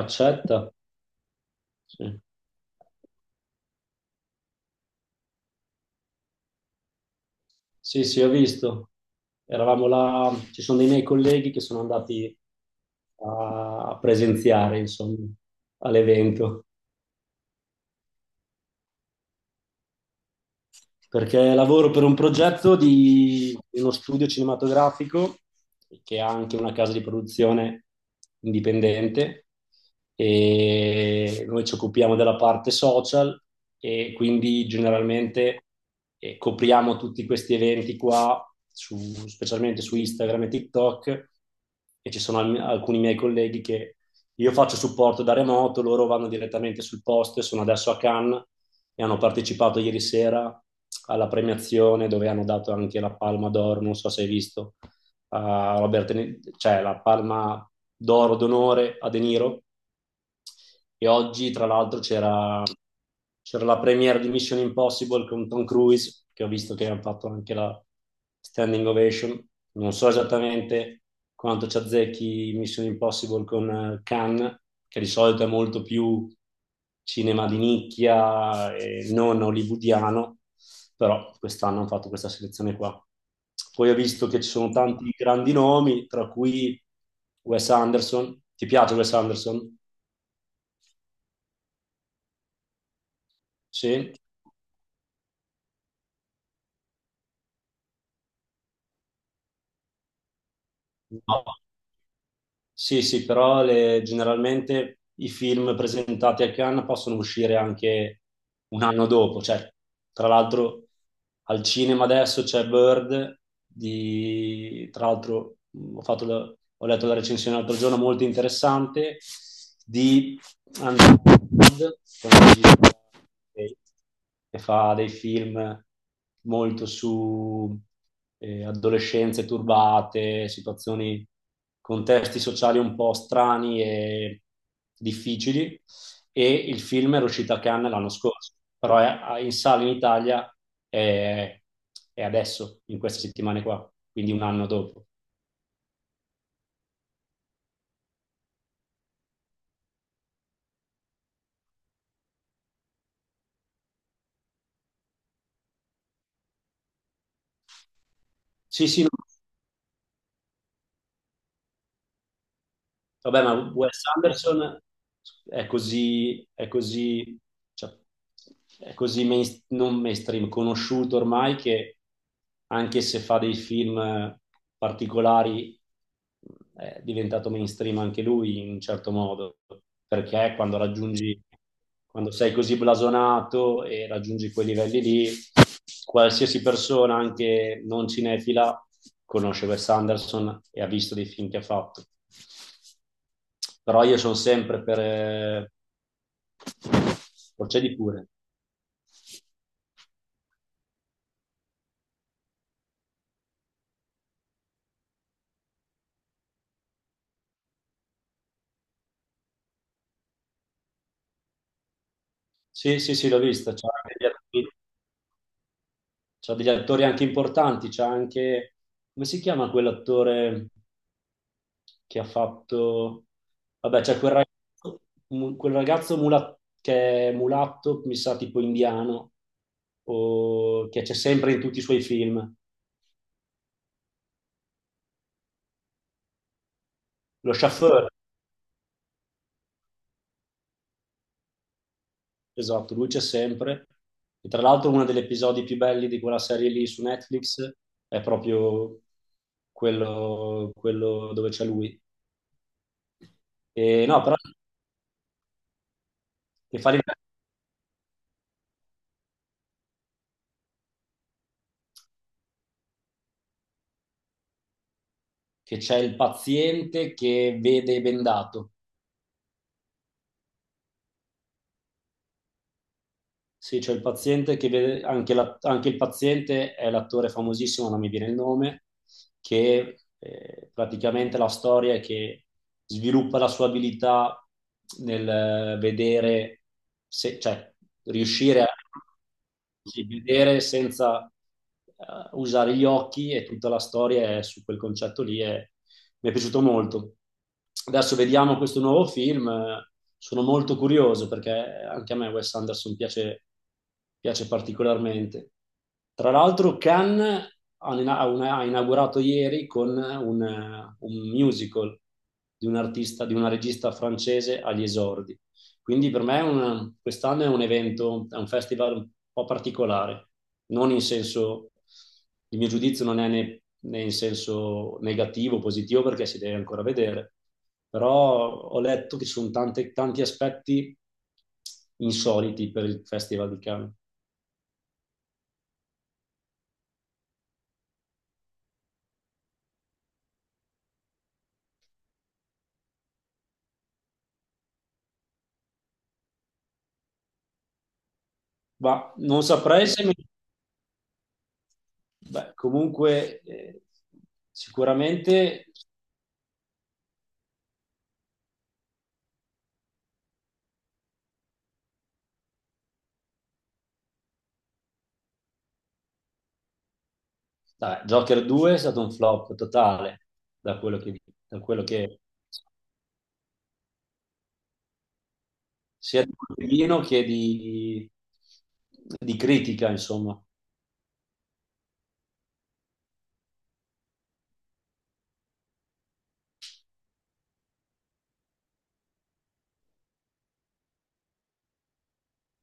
Accetta. Sì. Sì, sì, ho visto. Eravamo là, ci sono dei miei colleghi che sono andati a a presenziare, insomma, all'evento. Perché lavoro per un progetto di uno studio cinematografico che ha anche una casa di produzione indipendente, e noi ci occupiamo della parte social, e quindi generalmente copriamo tutti questi eventi qua, specialmente su Instagram e TikTok. E ci sono alcuni miei colleghi che, io faccio supporto da remoto, loro vanno direttamente sul posto e sono adesso a Cannes, e hanno partecipato ieri sera alla premiazione dove hanno dato anche la Palma d'Oro, non so se hai visto, a cioè la palma d'oro d'onore a De Niro. E oggi, tra l'altro, c'era la premiere di Mission Impossible con Tom Cruise, che ho visto che hanno fatto anche la standing ovation. Non so esattamente quanto ci azzecchi Mission Impossible con Cannes, che di solito è molto più cinema di nicchia e non hollywoodiano, però quest'anno hanno fatto questa selezione qua. Poi ho visto che ci sono tanti grandi nomi, tra cui Wes Anderson. Ti piace Wes Anderson? Sì? No. Sì, sì, però generalmente i film presentati a Cannes possono uscire anche un anno dopo. Cioè, tra l'altro, al cinema adesso c'è Bird, tra l'altro ho letto la recensione l'altro giorno, molto interessante, di Underwood, che è un regista che fa dei film molto su adolescenze turbate, situazioni, contesti sociali un po' strani e difficili. E il film era uscito a Cannes l'anno scorso, però è in sala in Italia, è, è adesso, in queste settimane qua, quindi un anno dopo. Sì, sì, no, vabbè, ma Wes Anderson è così, cioè, è così non mainstream, conosciuto ormai, che anche se fa dei film particolari, è diventato mainstream anche lui in un certo modo, perché quando raggiungi, quando sei così blasonato e raggiungi quei livelli lì, qualsiasi persona, anche non cinefila, conosce Wes Anderson e ha visto dei film che ha fatto. Però io sono sempre per... Procedi pure. Sì, sì, sì, l'ho vista. C'ha degli attori anche importanti, c'ha anche... Come si chiama quell'attore? Che ha fatto... Vabbè, c'è quel ragazzo, che è mulatto, mi sa tipo indiano, che c'è sempre in tutti i suoi film. Lo chauffeur, esatto, lui c'è sempre. E tra l'altro uno degli episodi più belli di quella serie lì su Netflix è proprio quello, quello dove c'è lui. E no, però che fa ridere, che c'è il paziente che vede bendato. Sì, c'è il paziente che vede, anche, anche il paziente è l'attore famosissimo, non mi viene il nome, che praticamente la storia è che sviluppa la sua abilità nel vedere, cioè riuscire a... Sì, vedere senza usare gli occhi, e tutta la storia è su quel concetto lì, e mi è piaciuto molto. Adesso vediamo questo nuovo film, sono molto curioso perché anche a me Wes Anderson piace, piace particolarmente. Tra l'altro Cannes ha inaugurato ieri con un musical di un artista, di una regista francese agli esordi. Quindi per me è quest'anno è un evento, è un festival un po' particolare, non in senso, il mio giudizio non è né in senso negativo, positivo, perché si deve ancora vedere, però ho letto che ci sono tanti aspetti insoliti per il Festival di Cannes. Ma non saprei se... Beh, comunque, sicuramente, dai, Joker 2 è stato un flop totale, da quello che sia di Colpellino che di critica, insomma.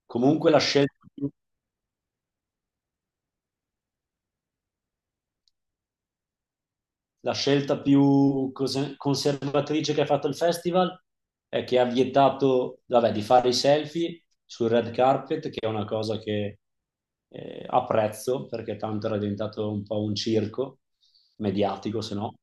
Comunque la scelta più conservatrice che ha fatto il festival è che ha vietato, vabbè, di fare i selfie sul red carpet, che è una cosa che apprezzo perché tanto era diventato un po' un circo mediatico, se no.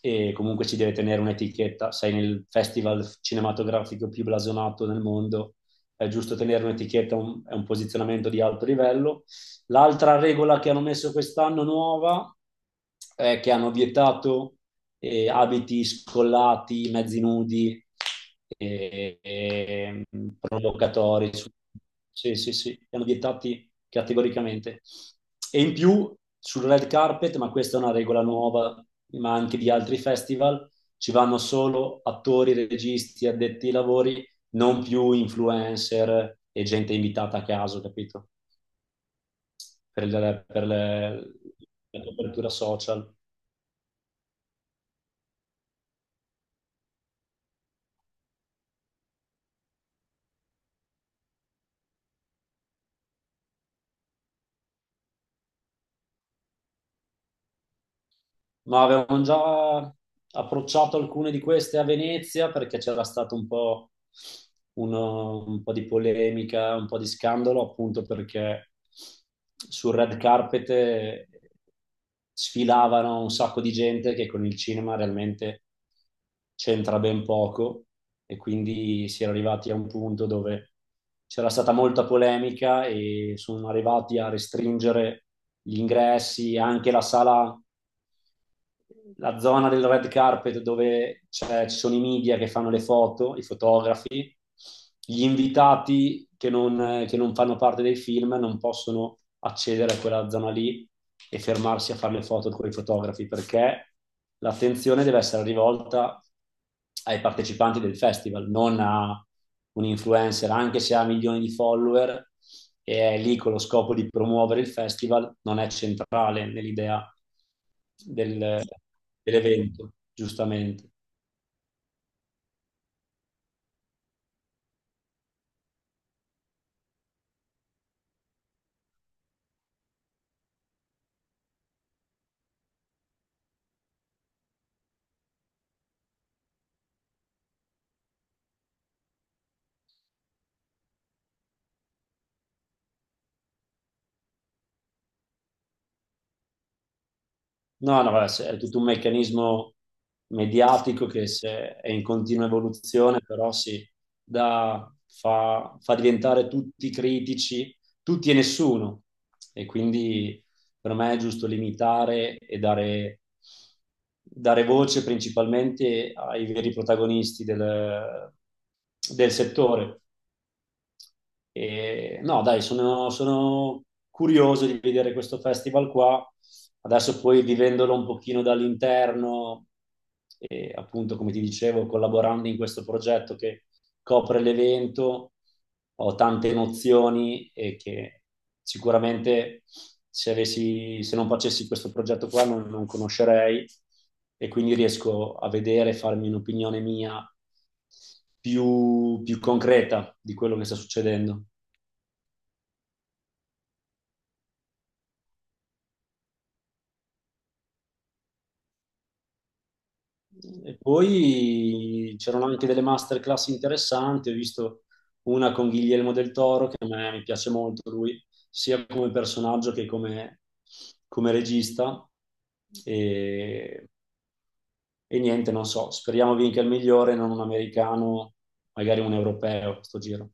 E comunque ci deve tenere un'etichetta. Sei nel festival cinematografico più blasonato nel mondo, è giusto tenere un'etichetta, è un posizionamento di alto livello. L'altra regola che hanno messo quest'anno, nuova, è che hanno vietato abiti scollati, mezzi nudi, eh, eh, provocatori. Sì, sì, sì, li hanno vietati categoricamente. E in più sul red carpet, ma questa è una regola nuova, ma anche di altri festival, ci vanno solo attori, registi, addetti ai lavori, non più influencer e gente invitata a caso, capito? Per, il- per le- La copertura social. Ma avevamo già approcciato alcune di queste a Venezia perché c'era stato un po', un po' di polemica, un po' di scandalo, appunto perché sul red carpet sfilavano un sacco di gente che con il cinema realmente c'entra ben poco, e quindi si era arrivati a un punto dove c'era stata molta polemica e sono arrivati a restringere gli ingressi, anche la sala, la zona del red carpet dove ci sono i media che fanno le foto, i fotografi. Gli invitati che non fanno parte dei film non possono accedere a quella zona lì e fermarsi a fare le foto con i fotografi, perché l'attenzione deve essere rivolta ai partecipanti del festival, non a un influencer, anche se ha milioni di follower, e è lì con lo scopo di promuovere il festival, non è centrale nell'idea del- dell'evento, giustamente. No, no, vabbè, è tutto un meccanismo mediatico che se è in continua evoluzione, però sì, fa diventare tutti critici, tutti e nessuno. E quindi per me è giusto limitare e dare voce principalmente ai veri protagonisti del settore. E, no, dai, sono curioso di vedere questo festival qua. Adesso poi vivendolo un pochino dall'interno, e appunto, come ti dicevo, collaborando in questo progetto che copre l'evento, ho tante nozioni, e che sicuramente se non facessi questo progetto qua non conoscerei, e quindi riesco a vedere, e farmi un'opinione mia più concreta di quello che sta succedendo. E poi c'erano anche delle masterclass interessanti, ho visto una con Guillermo del Toro, che a me mi piace molto lui, sia come personaggio che come, come regista. E, e niente, non so, speriamo vinca il migliore, non un americano, magari un europeo, sto giro.